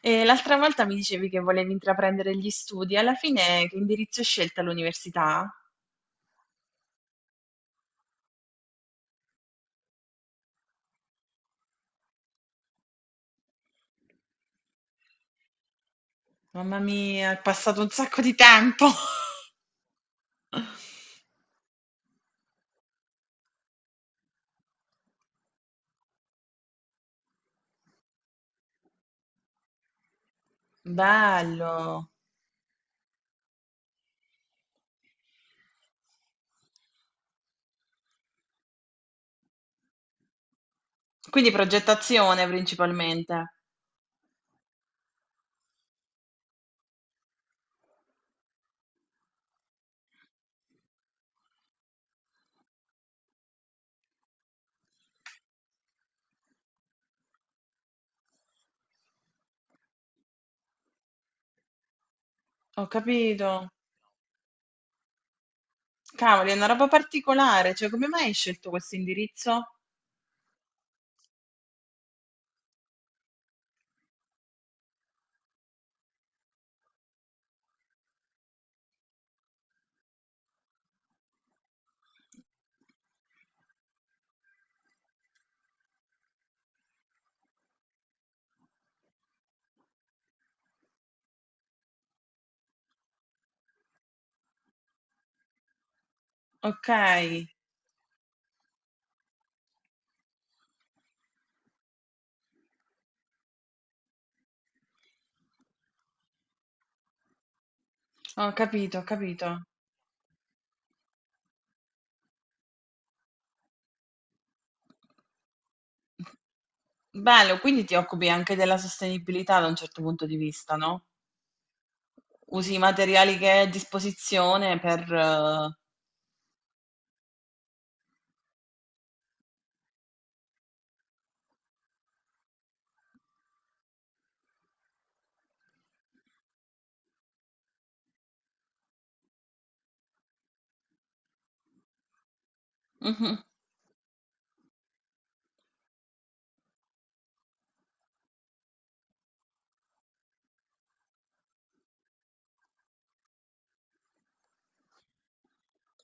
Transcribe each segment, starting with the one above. E l'altra volta mi dicevi che volevi intraprendere gli studi, alla fine che indirizzo hai scelto all'università? Mamma mia, è passato un sacco di tempo. Bello! Quindi progettazione principalmente. Ho capito. Cavoli, è una roba particolare. Cioè, come mai hai scelto questo indirizzo? Ok, ho capito, ho capito. Bello, quindi ti occupi anche della sostenibilità da un certo punto di vista, no? Usi i materiali che hai a disposizione per... mhm.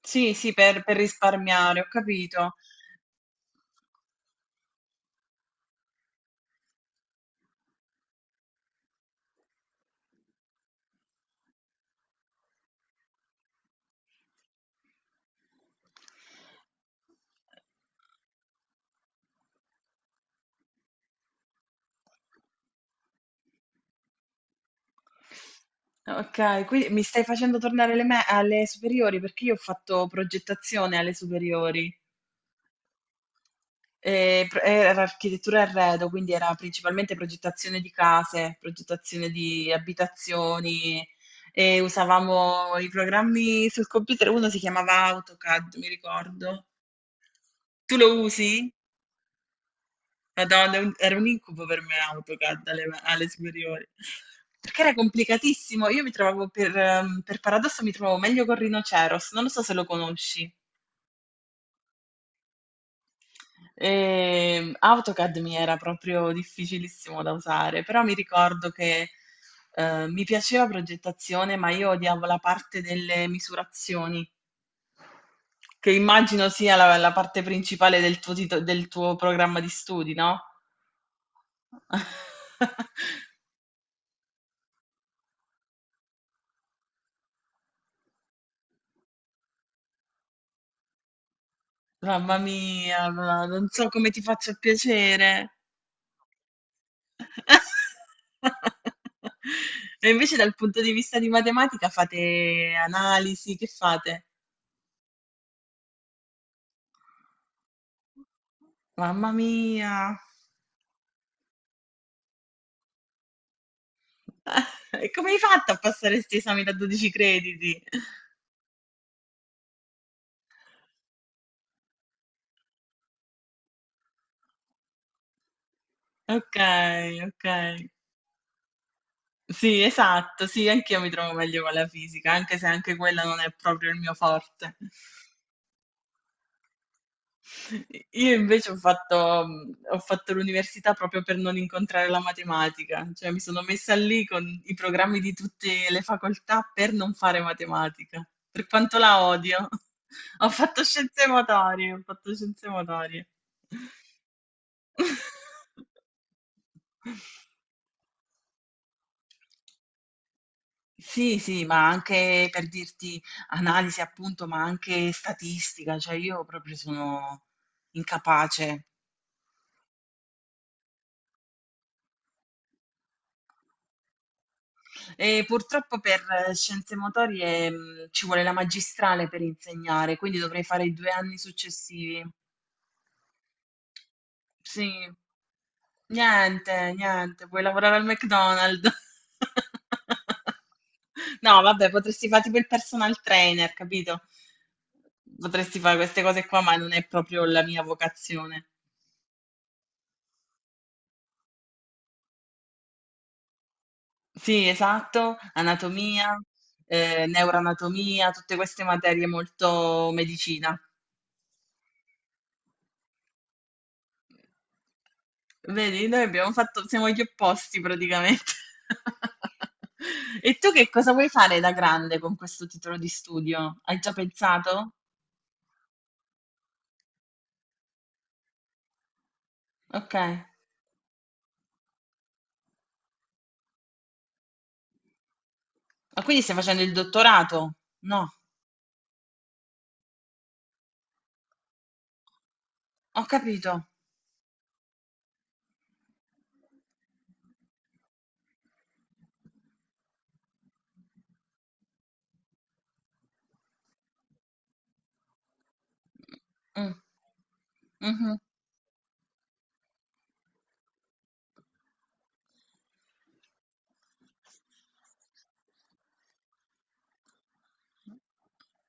Sì, sì, per risparmiare, ho capito. Okay, quindi mi stai facendo tornare alle superiori, perché io ho fatto progettazione alle superiori. Pr Era architettura e arredo, quindi era principalmente progettazione di case, progettazione di abitazioni e usavamo i programmi sul computer, uno si chiamava AutoCAD, mi ricordo. Tu lo usi? Madonna, era un incubo per me AutoCAD alle superiori. Perché era complicatissimo. Io mi trovavo per paradosso mi trovavo meglio con Rhinoceros, non lo so se lo conosci. E AutoCAD mi era proprio difficilissimo da usare, però mi ricordo che mi piaceva progettazione, ma io odiavo la parte delle misurazioni, che immagino sia la parte principale del del tuo programma di studi, no? Mamma mia, ma non so come ti faccia piacere. E invece dal punto di vista di matematica fate analisi, che fate? Mamma mia. E come hai fatto a passare questi esami da 12 crediti? Ok, ok. Sì, esatto, sì, anch'io mi trovo meglio con la fisica, anche se anche quella non è proprio il mio forte. Io invece ho fatto, ho fatto l'università proprio per non incontrare la matematica, cioè mi sono messa lì con i programmi di tutte le facoltà per non fare matematica, per quanto la odio. Ho fatto scienze motorie, ho fatto scienze motorie. Sì, sì, ma anche per dirti analisi appunto, ma anche statistica, cioè io proprio sono incapace. E purtroppo per scienze motorie, ci vuole la magistrale per insegnare, quindi dovrei fare i 2 anni successivi. Sì. Niente, niente, vuoi lavorare al McDonald's. No, vabbè, potresti fa' tipo il personal trainer, capito? Potresti fare queste cose qua, ma non è proprio la mia vocazione. Sì, esatto, anatomia, neuroanatomia, tutte queste materie molto medicina. Vedi, noi abbiamo fatto, siamo gli opposti praticamente. E tu che cosa vuoi fare da grande con questo titolo di studio? Hai già pensato? Ok. Ma quindi stai facendo il dottorato? No, ho capito. Mm, mhm,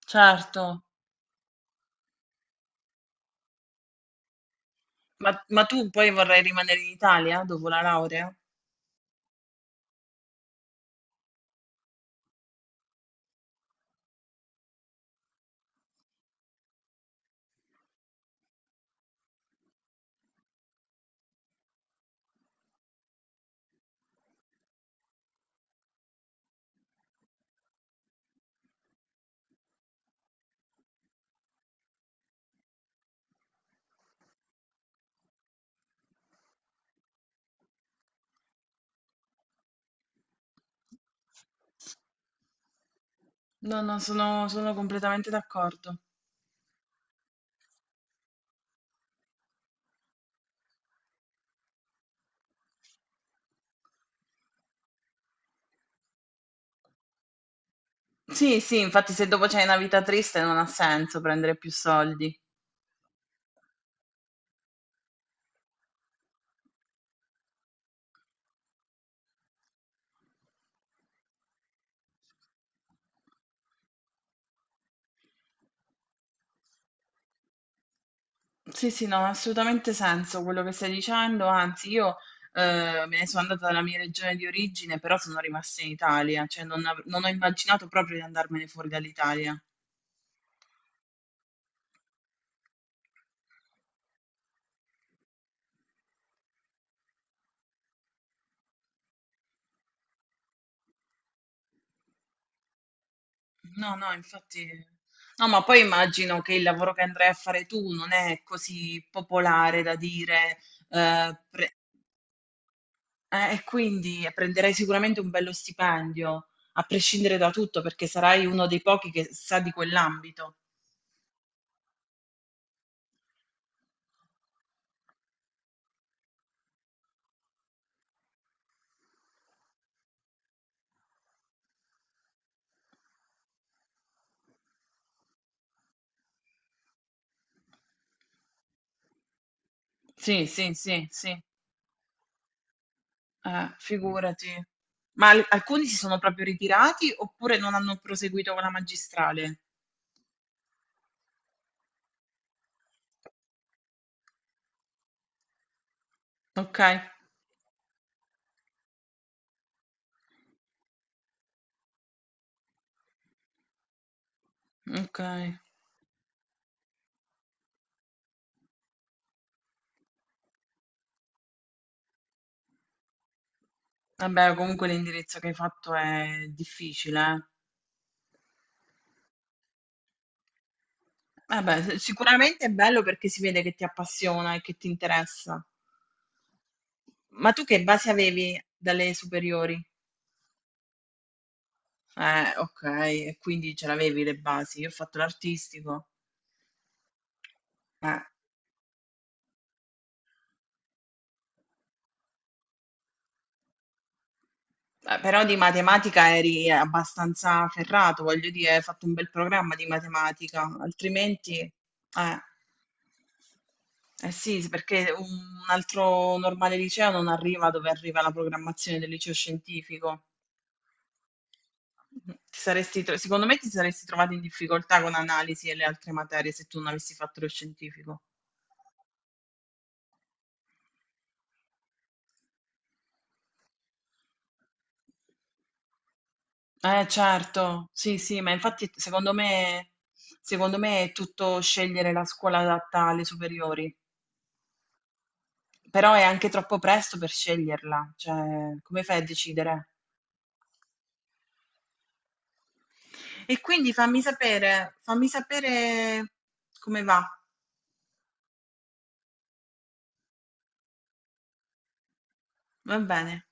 certo. Ma tu poi vorrai rimanere in Italia dopo la laurea? No, no, sono completamente d'accordo. Sì, sì, infatti se dopo c'è una vita triste non ha senso prendere più soldi. Sì, sì, no, ha assolutamente senso quello che stai dicendo, anzi io me ne sono andata dalla mia regione di origine, però sono rimasta in Italia, cioè non, non ho immaginato proprio di andarmene fuori dall'Italia. No, no, infatti... No, ma poi immagino che il lavoro che andrai a fare tu non è così popolare da dire, eh, pre- e quindi prenderai sicuramente un bello stipendio, a prescindere da tutto, perché sarai uno dei pochi che sa di quell'ambito. Sì, sì, sì, sì. Figurati. Alcuni si sono proprio ritirati oppure non hanno proseguito con la magistrale? Ok, ok. Vabbè, comunque l'indirizzo che hai fatto è difficile, eh. Vabbè, sicuramente è bello perché si vede che ti appassiona e che ti interessa. Ma tu che basi avevi dalle superiori? Ok, e quindi ce l'avevi le basi. Io ho fatto l'artistico. Eh. Però di matematica eri abbastanza ferrato, voglio dire, hai fatto un bel programma di matematica, altrimenti, eh sì, sì, perché un altro normale liceo non arriva dove arriva la programmazione del liceo scientifico. Mm-hmm. Secondo me ti saresti trovato in difficoltà con analisi e le altre materie se tu non avessi fatto lo scientifico. Certo, sì, sì, ma infatti secondo me è tutto scegliere la scuola adatta alle superiori. Però è anche troppo presto per sceglierla, cioè come fai a decidere? E quindi fammi sapere come va, va bene.